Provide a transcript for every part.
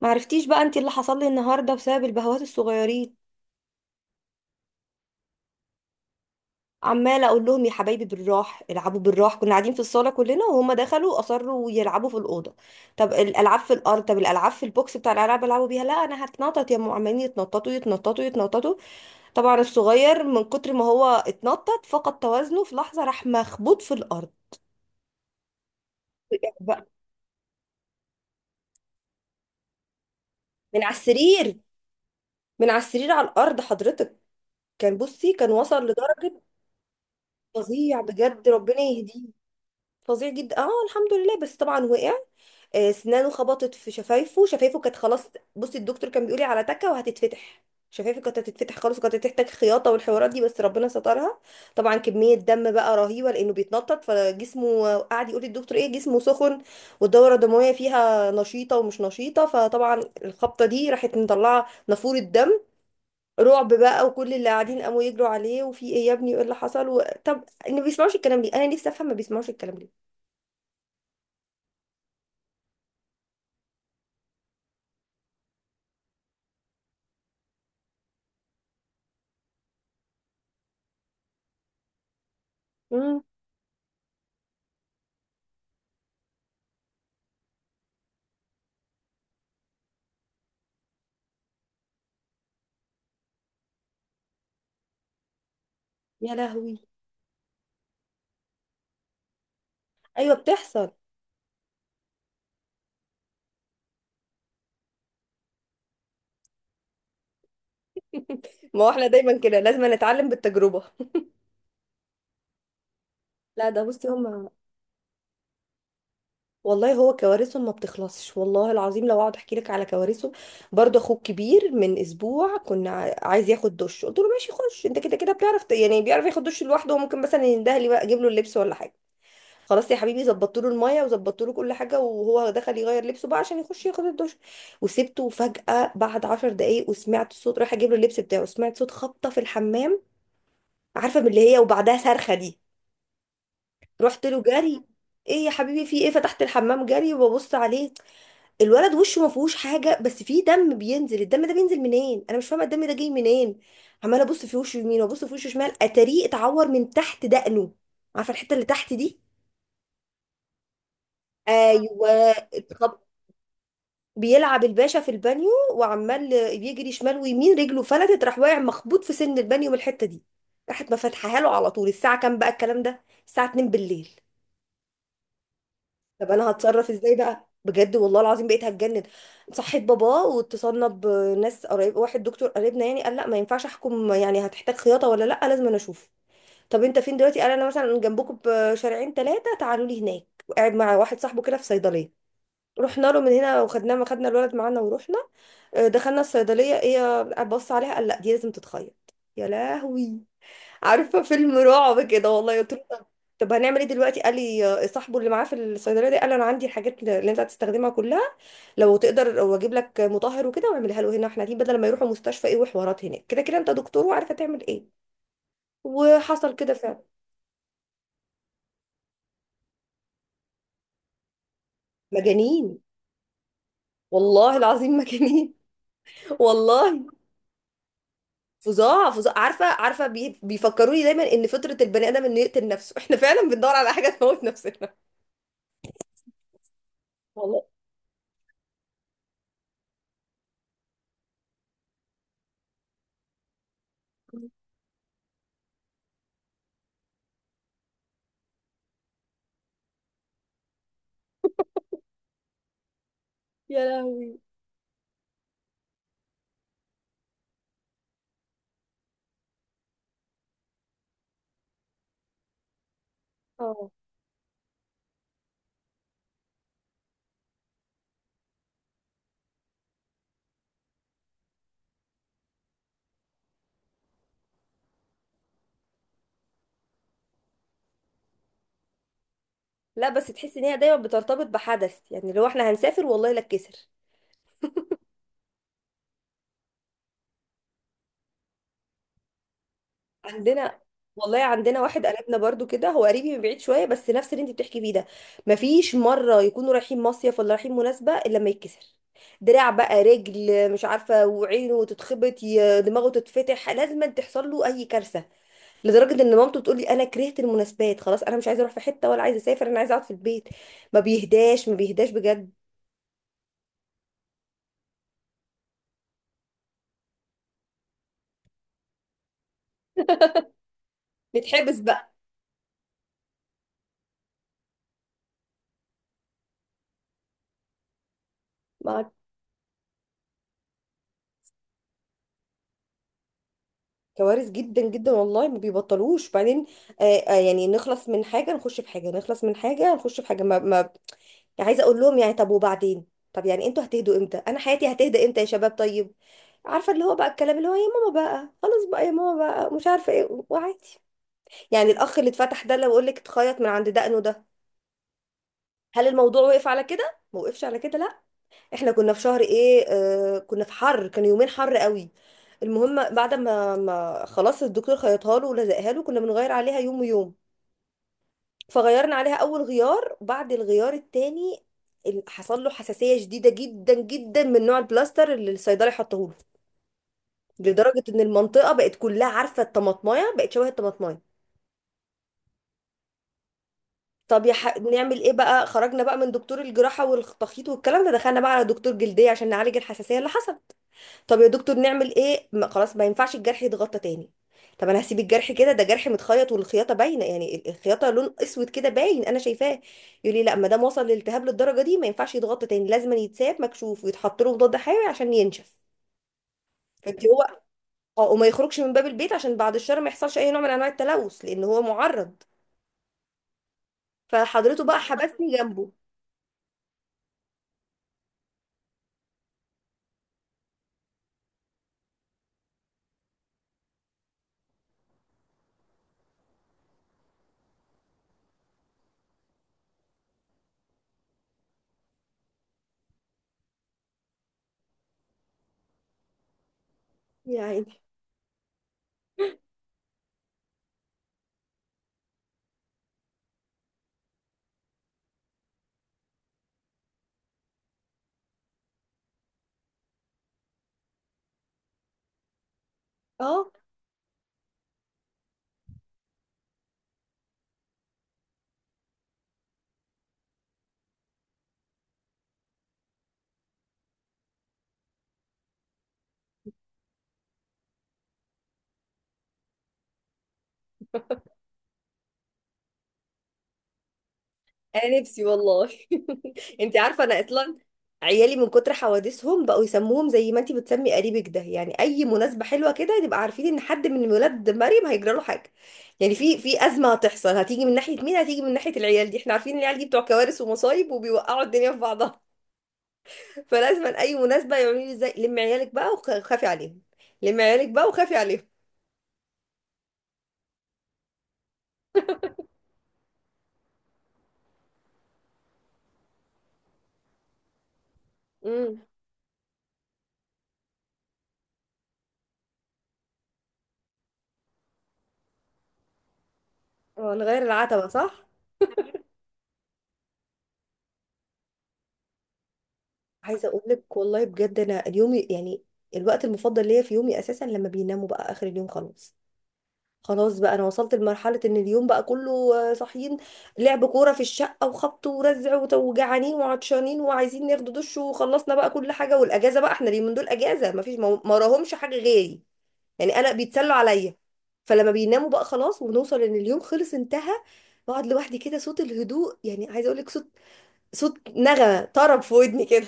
ما عرفتيش بقى انت اللي حصل لي النهارده بسبب البهوات الصغيرين. عماله اقول لهم يا حبايبي بالراح، العبوا بالراح. كنا قاعدين في الصاله كلنا وهم دخلوا اصروا يلعبوا في الاوضه. طب الالعاب في الارض، طب الالعاب في البوكس بتاع الالعاب يلعبوا بيها، لا انا هتنطط يا ام. عمالين يتنططوا يتنططوا يتنططوا. طبعا الصغير من كتر ما هو اتنطط فقد توازنه في لحظه، راح مخبوط في الارض. وقع بقى. من على السرير. من على السرير على الارض حضرتك. كان بصي كان وصل لدرجه فظيع بجد، ربنا يهديه. فظيع جدا. اه الحمد لله، بس طبعا وقع. اسنانه خبطت في شفايفه، شفايفه كانت خلاص. بصي الدكتور كان بيقولي على تكه وهتتفتح، شفايفه كانت هتتفتح خلاص، وكانت هتحتاج خياطه والحوارات دي، بس ربنا سترها. طبعا كميه دم بقى رهيبه لانه بيتنطط فجسمه، قعد يقول للدكتور ايه، جسمه سخن والدوره الدمويه فيها نشيطه ومش نشيطه، فطبعا الخبطه دي راحت مطلعه نافوره دم. رعب بقى، وكل اللي قاعدين قاموا يجروا عليه، وفي ايه يا ابني وايه اللي حصل طب إن ما بيسمعوش الكلام ليه؟ انا نفسي افهم ما بيسمعوش الكلام ليه. مم. يا لهوي. ايوه بتحصل. ما هو احنا دايما كده، لازم نتعلم بالتجربه. لا ده بصي هم، والله هو كوارثهم ما بتخلصش، والله العظيم لو اقعد احكي لك على كوارثه. برضه اخوك كبير، من اسبوع كنا عايز ياخد دش، قلت له ماشي خش انت كده كده بتعرف، يعني بيعرف ياخد دش لوحده، وممكن مثلا ينده لي بقى اجيب له اللبس ولا حاجه. خلاص يا حبيبي، ظبطت له الميه وظبطت له كل حاجه وهو دخل يغير لبسه بقى عشان يخش ياخد الدش. وسبته، وفجاه بعد عشر دقايق، وسمعت صوت، رايح اجيب له اللبس بتاعه سمعت صوت خبطه في الحمام. عارفه من اللي هي، وبعدها صرخه دي. رحت له جري. ايه يا حبيبي في ايه؟ فتحت الحمام جري وببص عليه. الولد وشه ما فيهوش حاجه، بس فيه دم بينزل. الدم ده بينزل منين؟ انا مش فاهمه الدم ده جاي منين. عماله ابص في وشه يمين وابص في وشه شمال، اتاريه اتعور من تحت دقنه. عارفه الحته اللي تحت دي؟ ايوه. اتخب- بيلعب الباشا في البانيو وعمال يجري شمال ويمين، رجله فلتت راح واقع مخبوط في سن البانيو من الحته دي. راحت ما فاتحاها له على طول. الساعه كام بقى الكلام ده؟ الساعه 2 بالليل. طب انا هتصرف ازاي بقى بجد؟ والله العظيم بقيت هتجنن. صحيت بابا واتصلنا بناس، قريب واحد دكتور قريبنا يعني، قال لا ما ينفعش احكم، يعني هتحتاج خياطه ولا لا، لازم انا اشوف. طب انت فين دلوقتي؟ قال انا مثلا جنبكم بشارعين ثلاثه، تعالوا لي هناك، وقاعد مع واحد صاحبه كده في صيدليه. رحنا له من هنا وخدناه، ما خدنا الولد معانا ورحنا. دخلنا الصيدليه، ايه بص عليها، قال لا دي لازم تتخيط. يا لهوي، عارفه فيلم رعب كده والله. قلت له طب، طب هنعمل ايه دلوقتي؟ قال لي صاحبه اللي معاه في الصيدليه دي قال انا عندي الحاجات اللي انت هتستخدمها كلها، لو تقدر، واجيب لك مطهر وكده واعملها له هنا احنا دي، بدل ما يروحوا مستشفى ايه وحوارات هناك، كده كده انت دكتور وعارفه تعمل ايه. وحصل كده فعلا. مجانين، والله العظيم مجانين. والله. فظاع فظاع. عارفه عارفه بيفكروني دايما ان فطره البني ادم انه يقتل نفسه، احنا فعلا بندور على حاجه تموت نفسنا. والله. يا لهوي. اه، لا بس تحس ان هي دايما بترتبط بحدث، يعني لو احنا هنسافر والله لا اتكسر. عندنا، والله عندنا واحد قريبنا برضو كده، هو قريبي من بعيد شويه، بس نفس اللي انت بتحكي فيه ده. مفيش مره يكونوا رايحين مصيف ولا رايحين مناسبه الا لما يتكسر دراع بقى، رجل مش عارفه، وعينه تتخبط، دماغه تتفتح، لازم تحصل له اي كارثه. لدرجه ان مامته بتقول لي انا كرهت المناسبات خلاص، انا مش عايزه اروح في حته ولا عايزه اسافر، انا عايزه اقعد في البيت. ما بيهداش ما بيهداش بجد. نتحبس بقى. ما كوارث جدا جدا والله، ما بيبطلوش بعدين. آه آه، يعني نخلص من حاجة نخش في حاجة، نخلص من حاجة نخش في حاجة، ما يعني عايزة اقول لهم يعني طب وبعدين؟ طب يعني انتوا هتهدوا امتى؟ انا حياتي هتهدى امتى يا شباب؟ طيب. عارفة اللي هو بقى الكلام اللي هو يا ماما بقى خلاص بقى، يا ماما بقى مش عارفة ايه، وعادي يعني. الاخ اللي اتفتح ده لو اقول لك اتخيط من عند دقنه ده. هل الموضوع وقف على كده؟ ما وقفش على كده لا. احنا كنا في شهر ايه، آه كنا في حر، كان يومين حر قوي. المهم بعد ما خلاص الدكتور خيطها له ولزقها له، كنا بنغير عليها يوم ويوم. فغيرنا عليها اول غيار، بعد الغيار التاني حصل له حساسية شديدة جدا جدا من نوع البلاستر اللي الصيدلي حطه له. لدرجة ان المنطقة بقت كلها، عارفة الطماطماية، بقت شبه الطماطماية. طب يا نعمل ايه بقى. خرجنا بقى من دكتور الجراحة والتخيط والكلام ده، دخلنا بقى على دكتور جلدية عشان نعالج الحساسية اللي حصلت. طب يا دكتور نعمل ايه؟ ما خلاص ما ينفعش الجرح يتغطى تاني. طب انا هسيب الجرح كده؟ ده جرح متخيط والخياطه باينه، يعني الخياطه لون اسود كده باين، انا شايفاه. يقول لي لا، ما دام وصل للالتهاب للدرجه دي ما ينفعش يتغطى تاني، لازم يتساب مكشوف ويتحط له مضاد حيوي عشان ينشف. فانت هو، اه، وما يخرجش من باب البيت عشان بعد الشر ما يحصلش اي نوع من انواع التلوث، لان هو معرض. فحضرته بقى حبسني جنبه، يعني. اه، انا نفسي والله. انت عارفه انا اصلا عيالي من كتر حوادثهم بقوا يسموهم، زي ما انت بتسمي قريبك ده، يعني اي مناسبه حلوه كده نبقى عارفين ان حد من ولاد مريم هيجرى له حاجه. يعني في ازمه هتحصل، هتيجي من ناحيه مين؟ هتيجي من ناحيه العيال دي، احنا عارفين إن العيال دي بتوع كوارث ومصايب وبيوقعوا الدنيا في بعضها. فلازم اي مناسبه يقولوا لي ازاي لم عيالك بقى وخافي عليهم. لم عيالك بقى وخافي عليهم. امم. هو نغير العتبه، صح. عايزه اقول لك والله بجد انا اليوم يعني، الوقت المفضل ليا في يومي اساسا لما بيناموا بقى، اخر اليوم خلاص. خلاص بقى انا وصلت لمرحله ان اليوم بقى كله صاحيين، لعب كوره في الشقه وخبط ورزع وت- وجعانين وعطشانين وعايزين ناخد دش، وخلصنا بقى كل حاجه، والاجازه بقى احنا اليومين دول اجازه، مفيش، ما وراهمش حاجه غيري، يعني انا بيتسلوا عليا. فلما بيناموا بقى خلاص ونوصل ان اليوم خلص انتهى، بقعد لوحدي كده، صوت الهدوء، يعني عايزه اقول لك صوت، صوت نغمه طرب في ودني كده.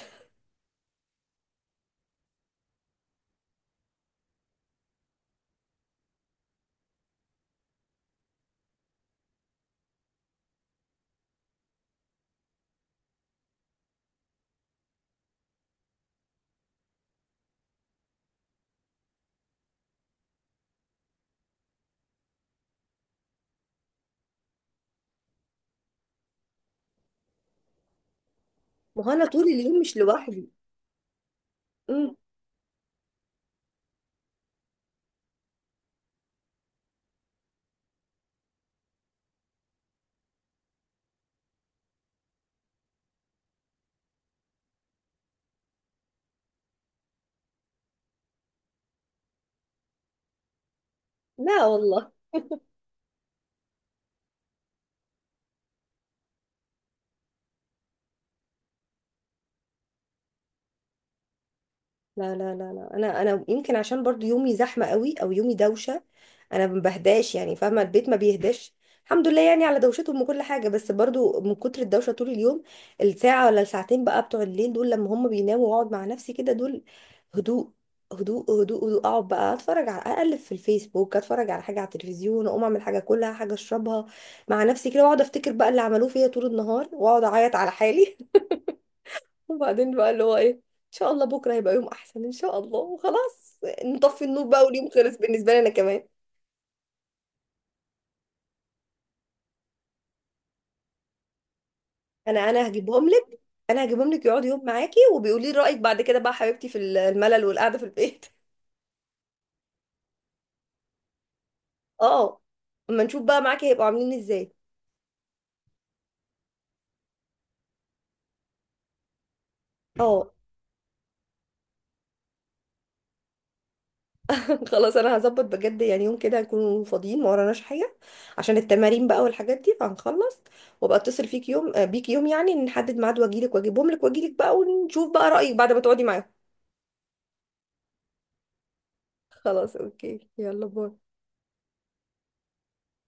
ما هو انا طول اليوم مش لوحدي. امم. لا والله. لا لا لا لا، انا يمكن عشان برضو يومي زحمه قوي او يومي دوشه، انا ما بهداش يعني، فاهمه؟ البيت ما بيهداش. الحمد لله يعني على دوشتهم وكل حاجه، بس برضو من كتر الدوشه طول اليوم، الساعه ولا الساعتين بقى بتوع الليل دول لما هم بيناموا واقعد مع نفسي كده، دول هدوء هدوء هدوء هدوء. اقعد بقى اتفرج على، اقلب في الفيسبوك، اتفرج على حاجه على التلفزيون، اقوم اعمل حاجه، كلها حاجه اشربها مع نفسي كده، واقعد افتكر بقى اللي عملوه فيا طول النهار، واقعد اعيط على حالي. وبعدين بقى اللي هو ايه، ان شاء الله بكره هيبقى يوم احسن ان شاء الله، وخلاص نطفي النور بقى واليوم خلص بالنسبه لي انا كمان. انا هجيبهم لك. انا هجيبهم لك يقعد يوم معاكي، وبيقولي لي رايك بعد كده بقى حبيبتي في الملل والقعده في البيت. اه، اما نشوف بقى معاكي هيبقوا عاملين ازاي. اه. خلاص انا هظبط بجد، يعني يوم كده هنكون فاضيين ما وراناش حاجه، عشان التمارين بقى والحاجات دي، فهنخلص وابقى اتصل فيك يوم، بيك يوم، يعني نحدد ميعاد واجيلك واجيبهم لك واجيلك بقى، ونشوف بقى رايك بعد ما تقعدي معاهم. خلاص اوكي، يلا باي.